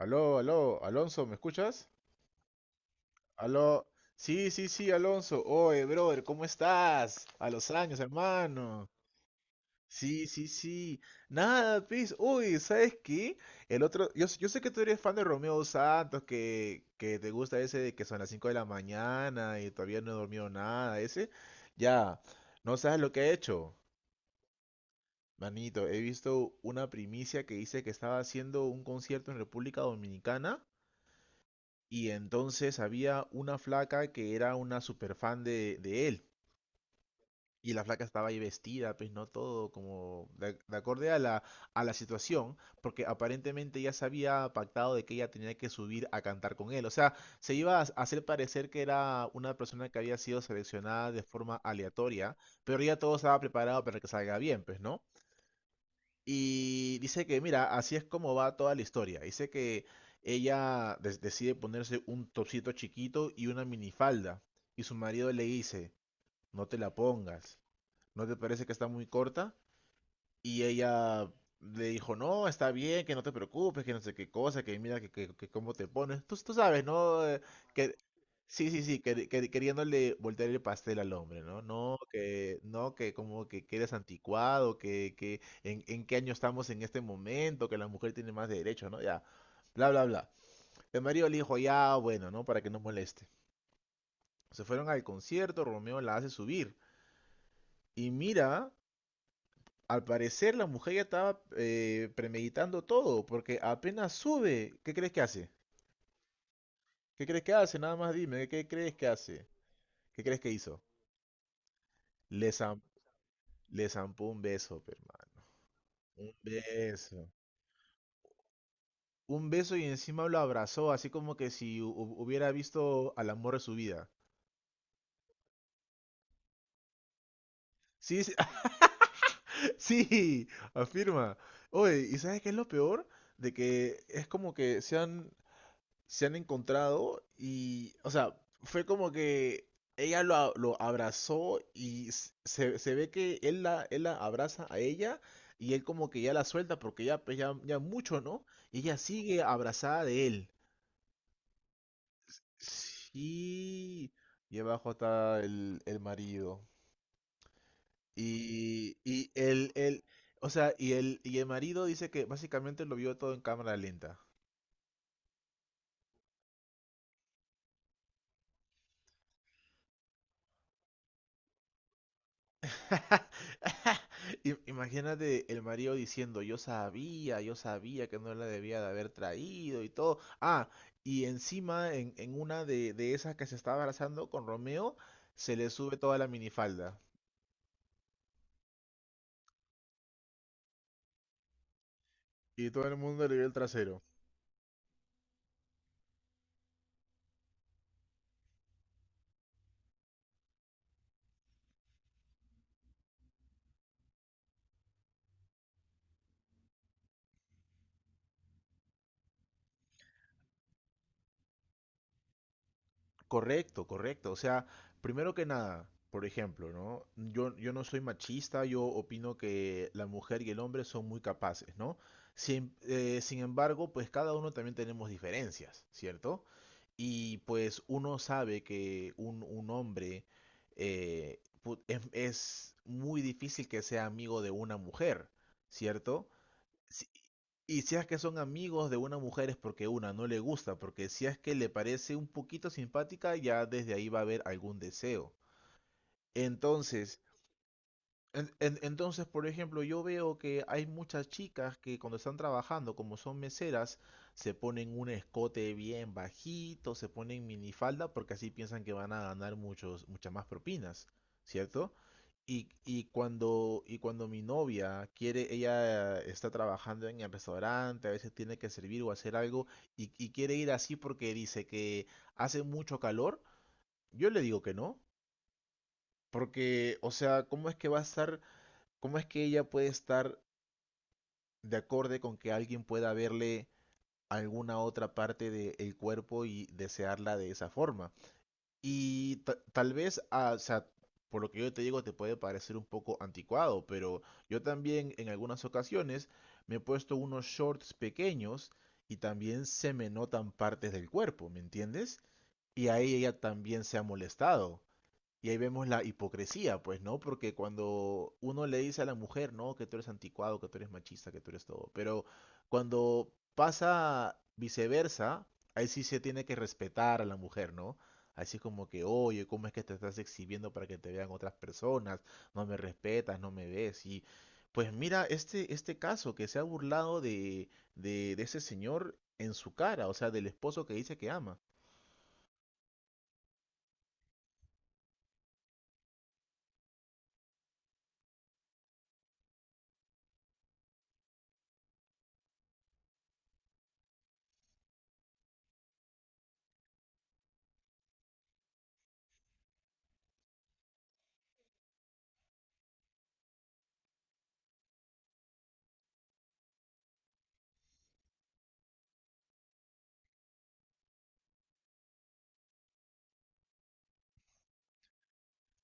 Aló, aló, Alonso, ¿me escuchas? Aló, sí, sí, sí, Alonso. Oye, brother, ¿cómo estás? A los años, hermano. Sí, sí, sí. Nada, pues, uy, ¿sabes qué? El otro, yo sé que tú eres fan de Romeo Santos, que te gusta ese de que son las 5 de la mañana y todavía no he dormido nada, ese. Ya, no sabes lo que he hecho. Manito, he visto una primicia que dice que estaba haciendo un concierto en República Dominicana. Y entonces había una flaca que era una super fan de él. Y la flaca estaba ahí vestida, pues no todo como de acorde a a la situación, porque aparentemente ya se había pactado de que ella tenía que subir a cantar con él. O sea, se iba a hacer parecer que era una persona que había sido seleccionada de forma aleatoria, pero ya todo estaba preparado para que salga bien, pues, ¿no? Y dice que, mira, así es como va toda la historia. Dice que decide ponerse un topsito chiquito y una minifalda. Y su marido le dice, no te la pongas. ¿No te parece que está muy corta? Y ella le dijo, no, está bien, que no te preocupes, que no sé qué cosa, que mira que cómo te pones. Tú sabes, ¿no? Que, sí, sí, sí, queriéndole voltear el pastel al hombre, ¿no? No, que, no, que como que eres anticuado, en qué año estamos en este momento, que la mujer tiene más derechos, ¿no? Ya, bla, bla, bla. El marido le dijo, ya, bueno, ¿no? Para que no moleste. Se fueron al concierto, Romeo la hace subir. Y mira. Al parecer la mujer ya estaba premeditando todo, porque apenas sube, ¿qué crees que hace? ¿Qué crees que hace? Nada más dime, ¿qué crees que hace? ¿Qué crees que hizo? Le zam- Le zampó un beso, pe, hermano. Un beso. Un beso y encima lo abrazó, así como que si hubiera visto al amor de su vida. Sí, sí, sí, afirma. Oye, ¿y sabes qué es lo peor? De que es como que se han encontrado y, o sea, fue como que lo abrazó y se ve que él la abraza a ella y él como que ya la suelta porque ya, pues, ya mucho, ¿no? Y ella sigue abrazada de él. Sí. Y abajo está el marido. Y, y el, el, o sea, y el marido dice que básicamente lo vio todo en cámara lenta. Imagínate el marido diciendo, yo sabía que no la debía de haber traído y todo. Ah, y encima en una de esas que se estaba abrazando con Romeo, se le sube toda la minifalda y todo el mundo le vio el trasero. Correcto, correcto. O sea, primero que nada, por ejemplo, ¿no? Yo no soy machista, yo opino que la mujer y el hombre son muy capaces, ¿no? Sin embargo, pues cada uno también tenemos diferencias, ¿cierto? Y pues uno sabe que un hombre es muy difícil que sea amigo de una mujer, ¿cierto? si- Y si es que son amigos de una mujer es porque una no le gusta, porque si es que le parece un poquito simpática, ya desde ahí va a haber algún deseo. Entonces, entonces, por ejemplo, yo veo que hay muchas chicas que cuando están trabajando, como son meseras, se ponen un escote bien bajito, se ponen minifalda porque así piensan que van a ganar muchos, muchas más propinas, ¿cierto? Y cuando mi novia quiere, ella está trabajando en el restaurante, a veces tiene que servir o hacer algo y quiere ir así porque dice que hace mucho calor, yo le digo que no, porque, o sea, ¿cómo es que va a estar ¿cómo es que ella puede estar de acorde con que alguien pueda verle alguna otra parte del cuerpo y desearla de esa forma? Y tal vez, o sea, por lo que yo te digo, te puede parecer un poco anticuado, pero yo también en algunas ocasiones me he puesto unos shorts pequeños y también se me notan partes del cuerpo, ¿me entiendes? Y ahí ella también se ha molestado. Y ahí vemos la hipocresía, pues, ¿no? Porque cuando uno le dice a la mujer, ¿no? Que tú eres anticuado, que tú eres machista, que tú eres todo. Pero cuando pasa viceversa, ahí sí se tiene que respetar a la mujer, ¿no? Así es como que, oye, ¿cómo es que te estás exhibiendo para que te vean otras personas? No me respetas, no me ves. Y pues mira, este caso que se ha burlado de ese señor en su cara, o sea, del esposo que dice que ama.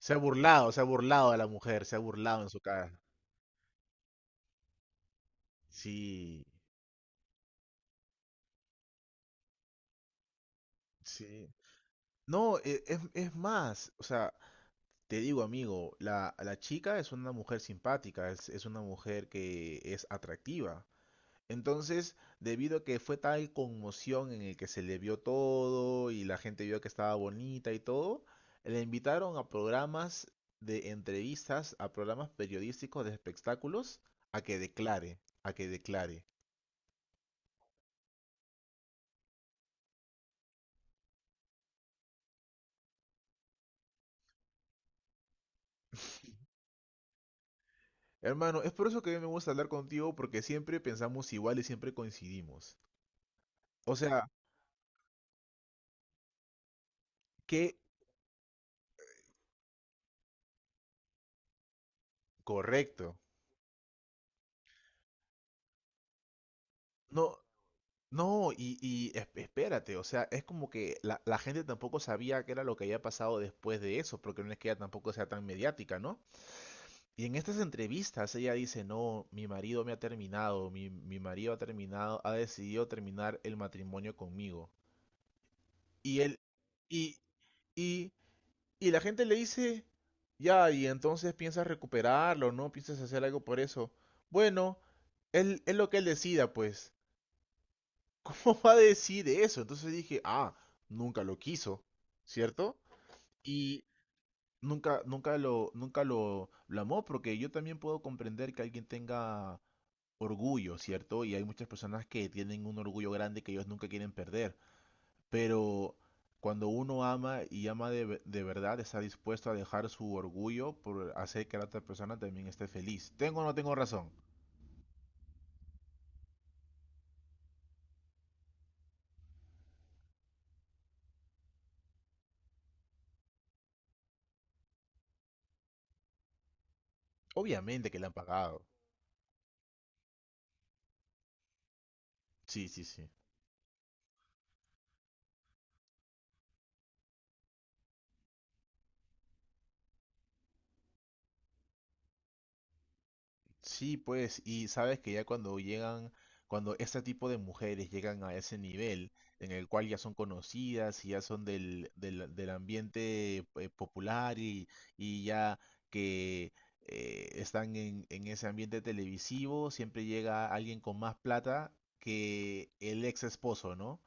Se ha burlado a la mujer, se ha burlado en su cara. Sí, sí. No, es más, o sea, te digo, amigo, la chica es una mujer simpática, es una mujer que es atractiva. Entonces, debido a que fue tal conmoción en el que se le vio todo y la gente vio que estaba bonita y todo, le invitaron a programas de entrevistas, a programas periodísticos de espectáculos, a que declare, a que declare. Hermano, es por eso que a mí me gusta hablar contigo porque siempre pensamos igual y siempre coincidimos. O sea, qué correcto. No, no, y espérate, o sea, es como que la gente tampoco sabía qué era lo que había pasado después de eso, porque no es que ella tampoco sea tan mediática, ¿no? Y en estas entrevistas ella dice, no, mi marido me ha terminado, mi marido ha terminado, ha decidido terminar el matrimonio conmigo. Y él, y, y, y la gente le dice, ya, y entonces piensas recuperarlo, ¿no? Piensas hacer algo por eso. Bueno, él, es lo que él decida, pues. ¿Cómo va a decir eso? Entonces dije, ah, nunca lo quiso, ¿cierto? Y nunca lo amó, porque yo también puedo comprender que alguien tenga orgullo, ¿cierto? Y hay muchas personas que tienen un orgullo grande que ellos nunca quieren perder. Pero cuando uno ama y ama de verdad, está dispuesto a dejar su orgullo por hacer que la otra persona también esté feliz. ¿Tengo o no tengo razón? Obviamente que le han pagado. Sí, sí, sí. Sí, pues, y sabes que cuando este tipo de mujeres llegan a ese nivel en el cual ya son conocidas y ya son del ambiente popular y ya que están en ese ambiente televisivo, siempre llega alguien con más plata que el ex esposo, ¿no?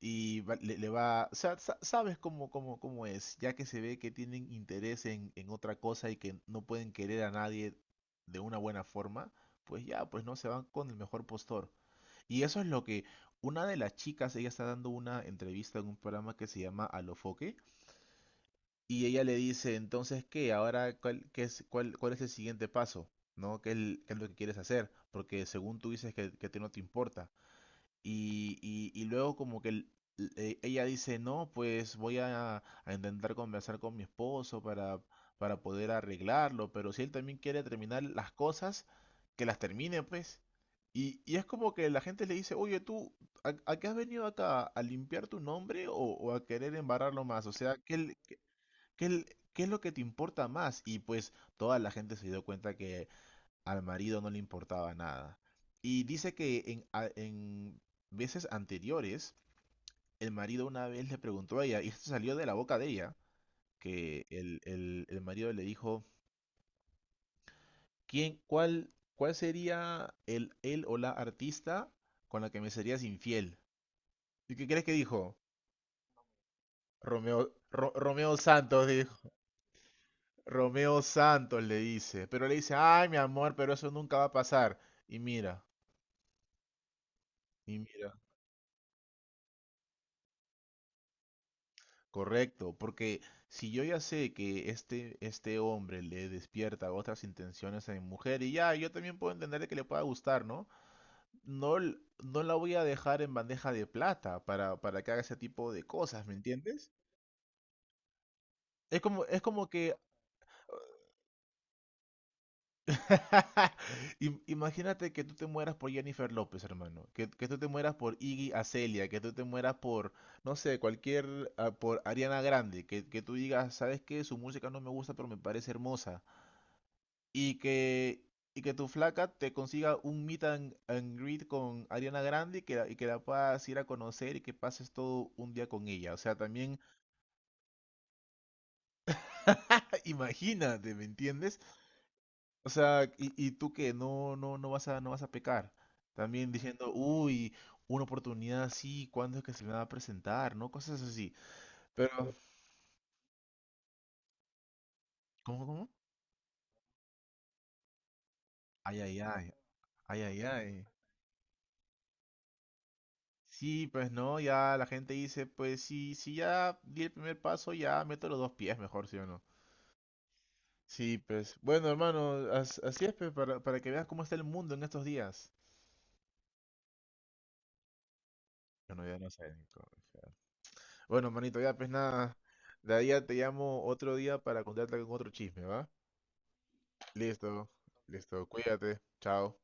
Y le va, o sea, sabes cómo es, ya que se ve que tienen interés en otra cosa y que no pueden querer a nadie de una buena forma, pues ya, pues no, se van con el mejor postor. Y eso es lo que una de las chicas, ella está dando una entrevista en un programa que se llama Alofoque, y ella le dice, entonces, ¿qué? Ahora, ¿cuál es el siguiente paso? ¿No? ¿Qué es lo que quieres hacer? Porque según tú dices que te no te importa. Y luego como que ella dice, no, pues a intentar conversar con mi esposo para poder arreglarlo, pero si él también quiere terminar las cosas, que las termine, pues. Y es como que la gente le dice, oye, tú, a qué has venido acá? ¿A limpiar tu nombre o a querer embarrarlo más? O sea, qué, el- ¿qué es lo que te importa más? Y pues toda la gente se dio cuenta que al marido no le importaba nada. Y dice que en veces anteriores, el marido una vez le preguntó a ella, y esto salió de la boca de ella, que el marido le dijo, ¿cuál sería el, él o la artista con la que me serías infiel? ¿Y qué crees que dijo? Romeo Santos, dijo. Romeo Santos le dice, pero le dice, ay, mi amor, pero eso nunca va a pasar. Y mira, y mira. Correcto, porque si yo ya sé que este hombre le despierta otras intenciones a mi mujer, y ya, yo también puedo entender de que le pueda gustar, ¿no? No, no la voy a dejar en bandeja de plata para que haga ese tipo de cosas, ¿me entiendes? Es como que, imagínate que tú te mueras por Jennifer López, hermano, que tú te mueras por Iggy Azalea, que tú te mueras por, no sé, cualquier, por Ariana Grande, que tú digas, ¿sabes qué? Su música no me gusta, pero me parece hermosa. Y y que tu flaca te consiga un meet and greet con Ariana Grande y que, y que la puedas ir a conocer y que pases todo un día con ella. O sea, también imagínate, ¿me entiendes? O sea, y tú que no, no vas a pecar. También diciendo, uy, una oportunidad así, ¿cuándo es que se me va a presentar? ¿No? Cosas así. Pero, cómo? Ay, ay, ay, ay, ay, ay. Sí, pues no, ya la gente dice, pues sí, si ya di el primer paso, ya meto los dos pies mejor, ¿sí o no? Sí, pues bueno, hermano, así es, pues, para que veas cómo está el mundo en estos días. Bueno, ya no sé ni cómo, ya. Bueno, manito, ya pues nada, de ahí ya te llamo otro día para contarte con otro chisme, ¿va? Listo, listo, cuídate, chao.